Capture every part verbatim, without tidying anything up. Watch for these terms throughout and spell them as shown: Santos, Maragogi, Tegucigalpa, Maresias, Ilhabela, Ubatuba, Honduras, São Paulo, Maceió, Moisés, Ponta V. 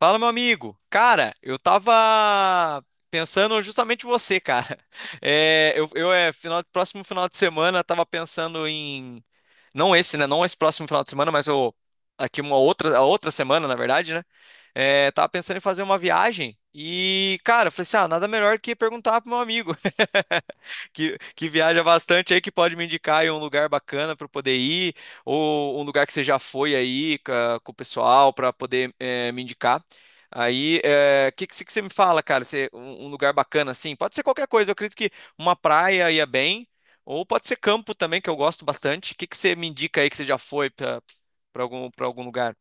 Fala, meu amigo. Cara, eu tava pensando justamente em você, cara. É, eu, eu é final, próximo final de semana tava pensando em não esse, né? Não esse próximo final de semana, mas eu. Aqui uma outra, a outra semana, na verdade, né? É, tava pensando em fazer uma viagem e, cara, falei assim: ah, nada melhor que perguntar pro meu amigo que, que viaja bastante aí, que pode me indicar aí um lugar bacana para poder ir, ou um lugar que você já foi aí ca- com o pessoal para poder é, me indicar. Aí, o que, que, você que você me fala, cara? Você, um, um lugar bacana, assim? Pode ser qualquer coisa, eu acredito que uma praia ia bem. Ou pode ser campo também, que eu gosto bastante. O que que você me indica aí que você já foi para algum, para algum lugar?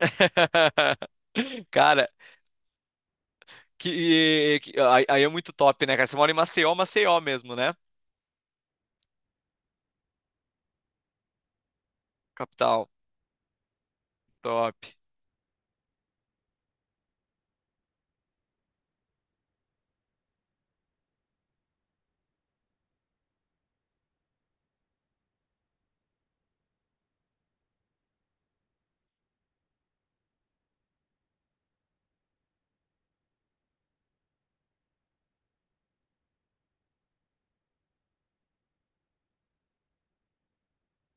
Cara, que, que- aí aí é muito top, né, cara? Você mora em Maceió, Maceió mesmo, né? Capital. Top.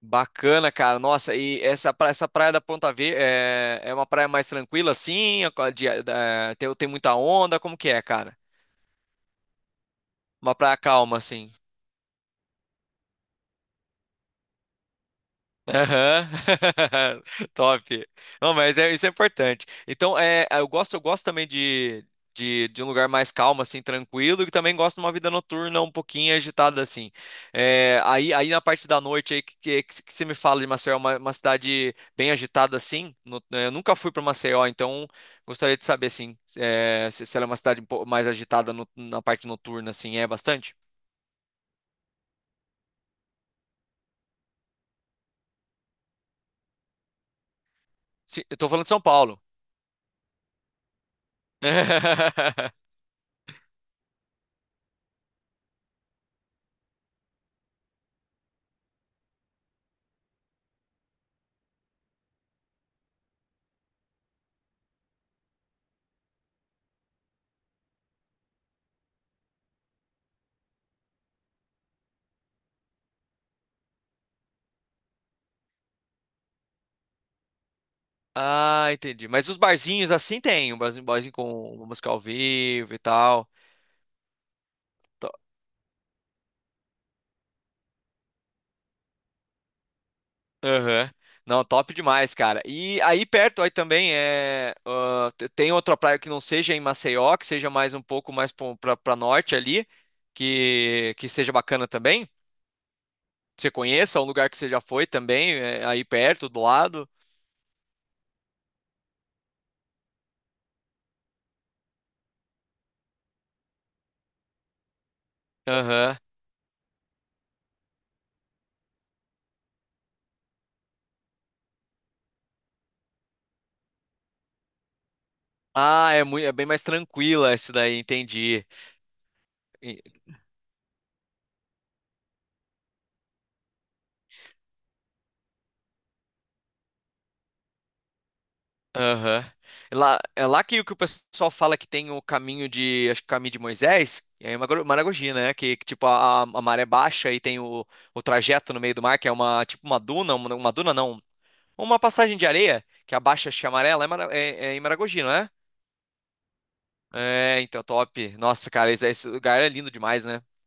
Bacana, cara. Nossa, e essa, pra- essa praia da Ponta V é, é uma praia mais tranquila, assim? É co- de- é, tem, tem muita onda? Como que é, cara? Uma praia calma, assim. Aham. Top. Não, mas é, isso é importante. Então, é, eu gosto, eu gosto também de, de, de um lugar mais calmo, assim, tranquilo, e também gosto de uma vida noturna um pouquinho agitada, assim. É, aí, aí na parte da noite aí que, que, que você me fala de Maceió, uma, uma cidade bem agitada, assim. no- é, eu nunca fui para Maceió, então gostaria de saber, assim, é, se, se ela é uma cidade um pouco mais agitada no- na parte noturna, assim, é bastante? Sim, eu tô falando de São Paulo. Ah, entendi. Mas os barzinhos assim tem, um barzinho, um barzinho com uma música ao vivo e tal. To- Aham. Não, top demais, cara. E aí perto aí também é ah, te- tem outra praia que não seja em Maceió, que seja mais um pouco mais pra, pra, pra norte ali, que que seja bacana também. Que você conheça, um lugar que você já foi também, é, aí perto, do lado. Aham. Ah, é muito, é bem mais tranquila esse daí, entendi. Aham. É lá, é lá que, o que o pessoal fala que tem o caminho de, acho que o caminho de Moisés, é uma gro- Maragogi, né? Que, que, tipo a, a maré baixa e tem o, o trajeto no meio do mar, que é uma tipo uma duna, uma, uma duna não, uma passagem de areia que abaixa, acho que é amarela, é, Mara- é, é em Maragogi, não é? É, então, top. Nossa, cara, esse, esse lugar é lindo demais, né? O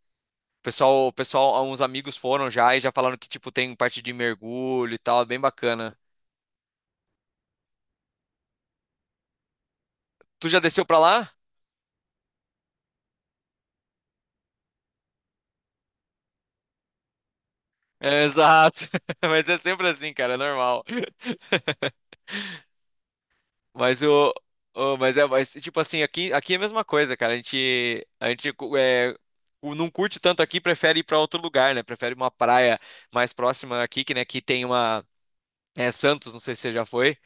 pessoal, o pessoal, uns amigos foram já e já falaram que, tipo, tem parte de mergulho e tal, é bem bacana. Tu já desceu pra lá? É, exato. Mas é sempre assim, cara, é normal. Mas o, o- mas é, mas, tipo assim, aqui, aqui é a mesma coisa, cara. A gente, a gente cu- é, cu- não curte tanto aqui, prefere ir pra outro lugar, né? Prefere uma praia mais próxima aqui, que, né, que tem uma é Santos, não sei se você já foi.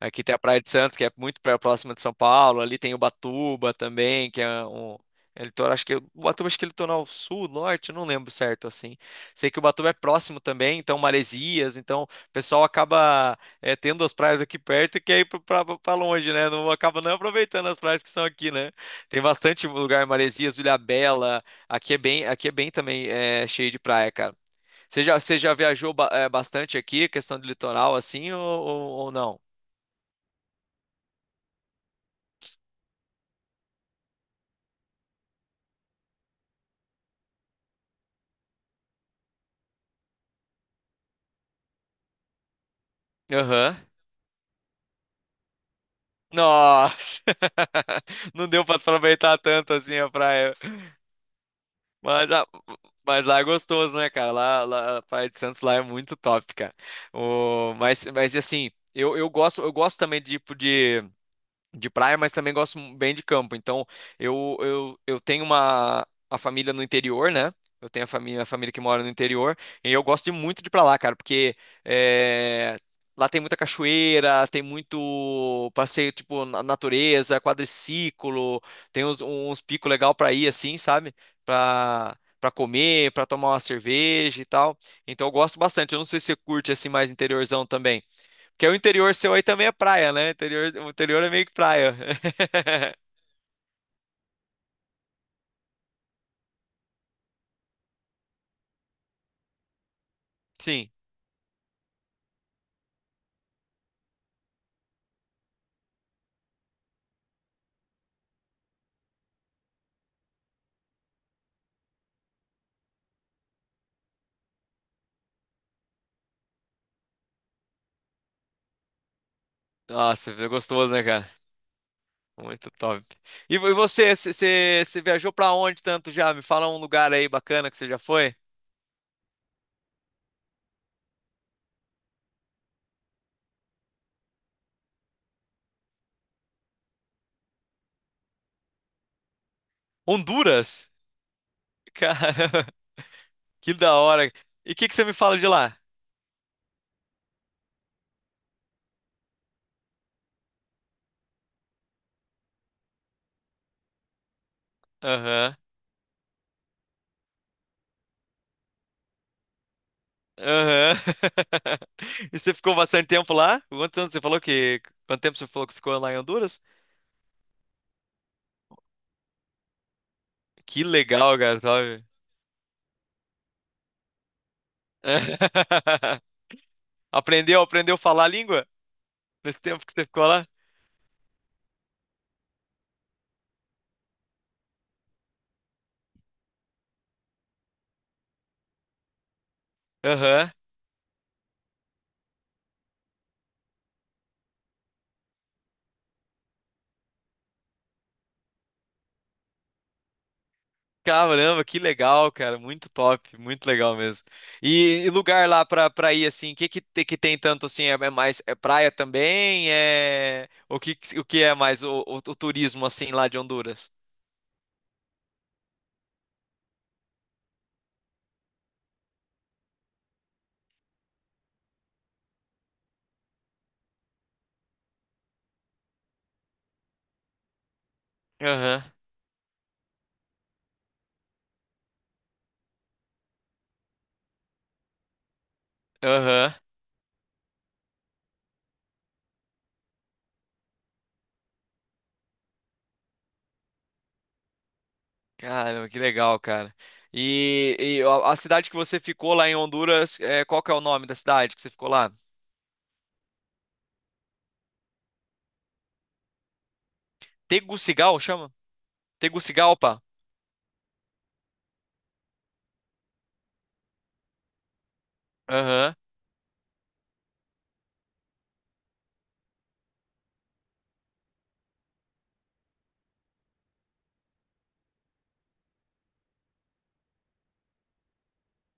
Aqui tem a Praia de Santos, que é muito pra- próxima de São Paulo. Ali tem Ubatuba também, que é um. É litoral, acho que Ubatuba acho que é litoral sul, norte, eu não lembro certo assim. Sei que Ubatuba é próximo também, então Maresias, então o pessoal acaba é, tendo as praias aqui perto e quer ir pro- pra pra longe, né? Não acaba não aproveitando as praias que são aqui, né? Tem bastante lugar, Maresias, Ilhabela. Aqui é bem, aqui é bem também é, cheio de praia, cara. Você já, você já viajou ba- é, bastante aqui, questão de litoral assim ou, ou ou não? Aham. Nossa! Não deu pra aproveitar tanto assim a praia. Mas, a- mas lá é gostoso, né, cara? Lá, lá- a Praia de Santos lá é muito top, cara. O, mas, mas assim, eu, eu gosto, eu gosto também de, tipo, de de praia, mas também gosto bem de campo. Então, eu, eu, eu tenho uma a família no interior, né? Eu tenho a família, a família que mora no interior, e eu gosto de muito de ir pra lá, cara, porque é, lá tem muita cachoeira, tem muito passeio, tipo, na natureza, quadriciclo, tem uns, uns picos legal pra ir, assim, sabe? Pra, pra comer, pra tomar uma cerveja e tal. Então, eu gosto bastante. Eu não sei se você curte, assim, mais interiorzão também. Que é o interior seu aí também é praia, né? Interior, o interior é meio que praia. Sim. Nossa, é gostoso, né, cara? Muito top. E vo- e você, você viajou pra onde tanto já? Me fala um lugar aí bacana que você já foi. Honduras? Caramba, que da hora. E o que que você me fala de lá? Aham, aham. E você ficou bastante tempo lá? Quanto tempo você falou que... Quanto tempo você falou que ficou lá em Honduras? Que legal, cara, sabe? Aprendeu, aprendeu a falar a língua? Nesse tempo que você ficou lá? Aham. Caramba, que legal, cara. Muito top, muito legal mesmo. E, e lugar lá pra, pra ir, assim, o que que, te- que tem tanto, assim, é, é mais, é praia também? É... O que, que- o que é mais o, o- o turismo, assim, lá de Honduras? Aham, aham. Caramba, que legal, cara. E, e a, a cidade que você ficou lá em Honduras, é, qual que é o nome da cidade que você ficou lá? Tegucigal, chama? Tegucigalpa? Aham.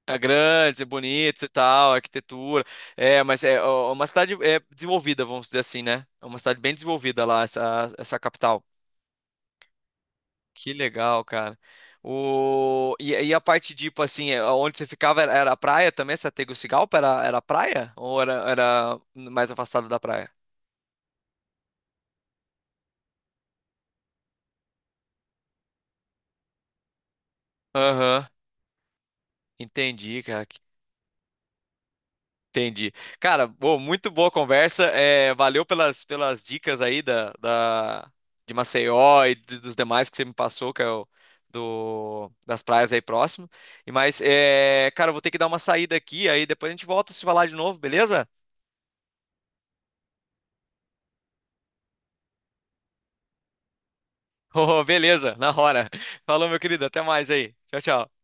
É grandes, é bonitos e tal, a arquitetura. É, mas é ó, é uma cidade é, desenvolvida, vamos dizer assim, né? É uma cidade bem desenvolvida lá, essa, essa capital. Que legal, cara. O... E, e a parte, tipo assim, é, onde você ficava era, era praia também? Essa Tegucigalpa era, era praia? Ou era, era mais afastado da praia? Aham, entendi, cara. Entendi. Cara, bom, muito boa conversa. É, valeu pelas, pelas dicas aí da, da, de Maceió e de- dos demais que você me passou, que é o do, das praias aí próximo. E mas, é, cara, eu vou ter que dar uma saída aqui, aí depois a gente volta a se falar de novo, beleza? Oh, beleza, na hora. Falou, meu querido, até mais aí. Tchau, tchau.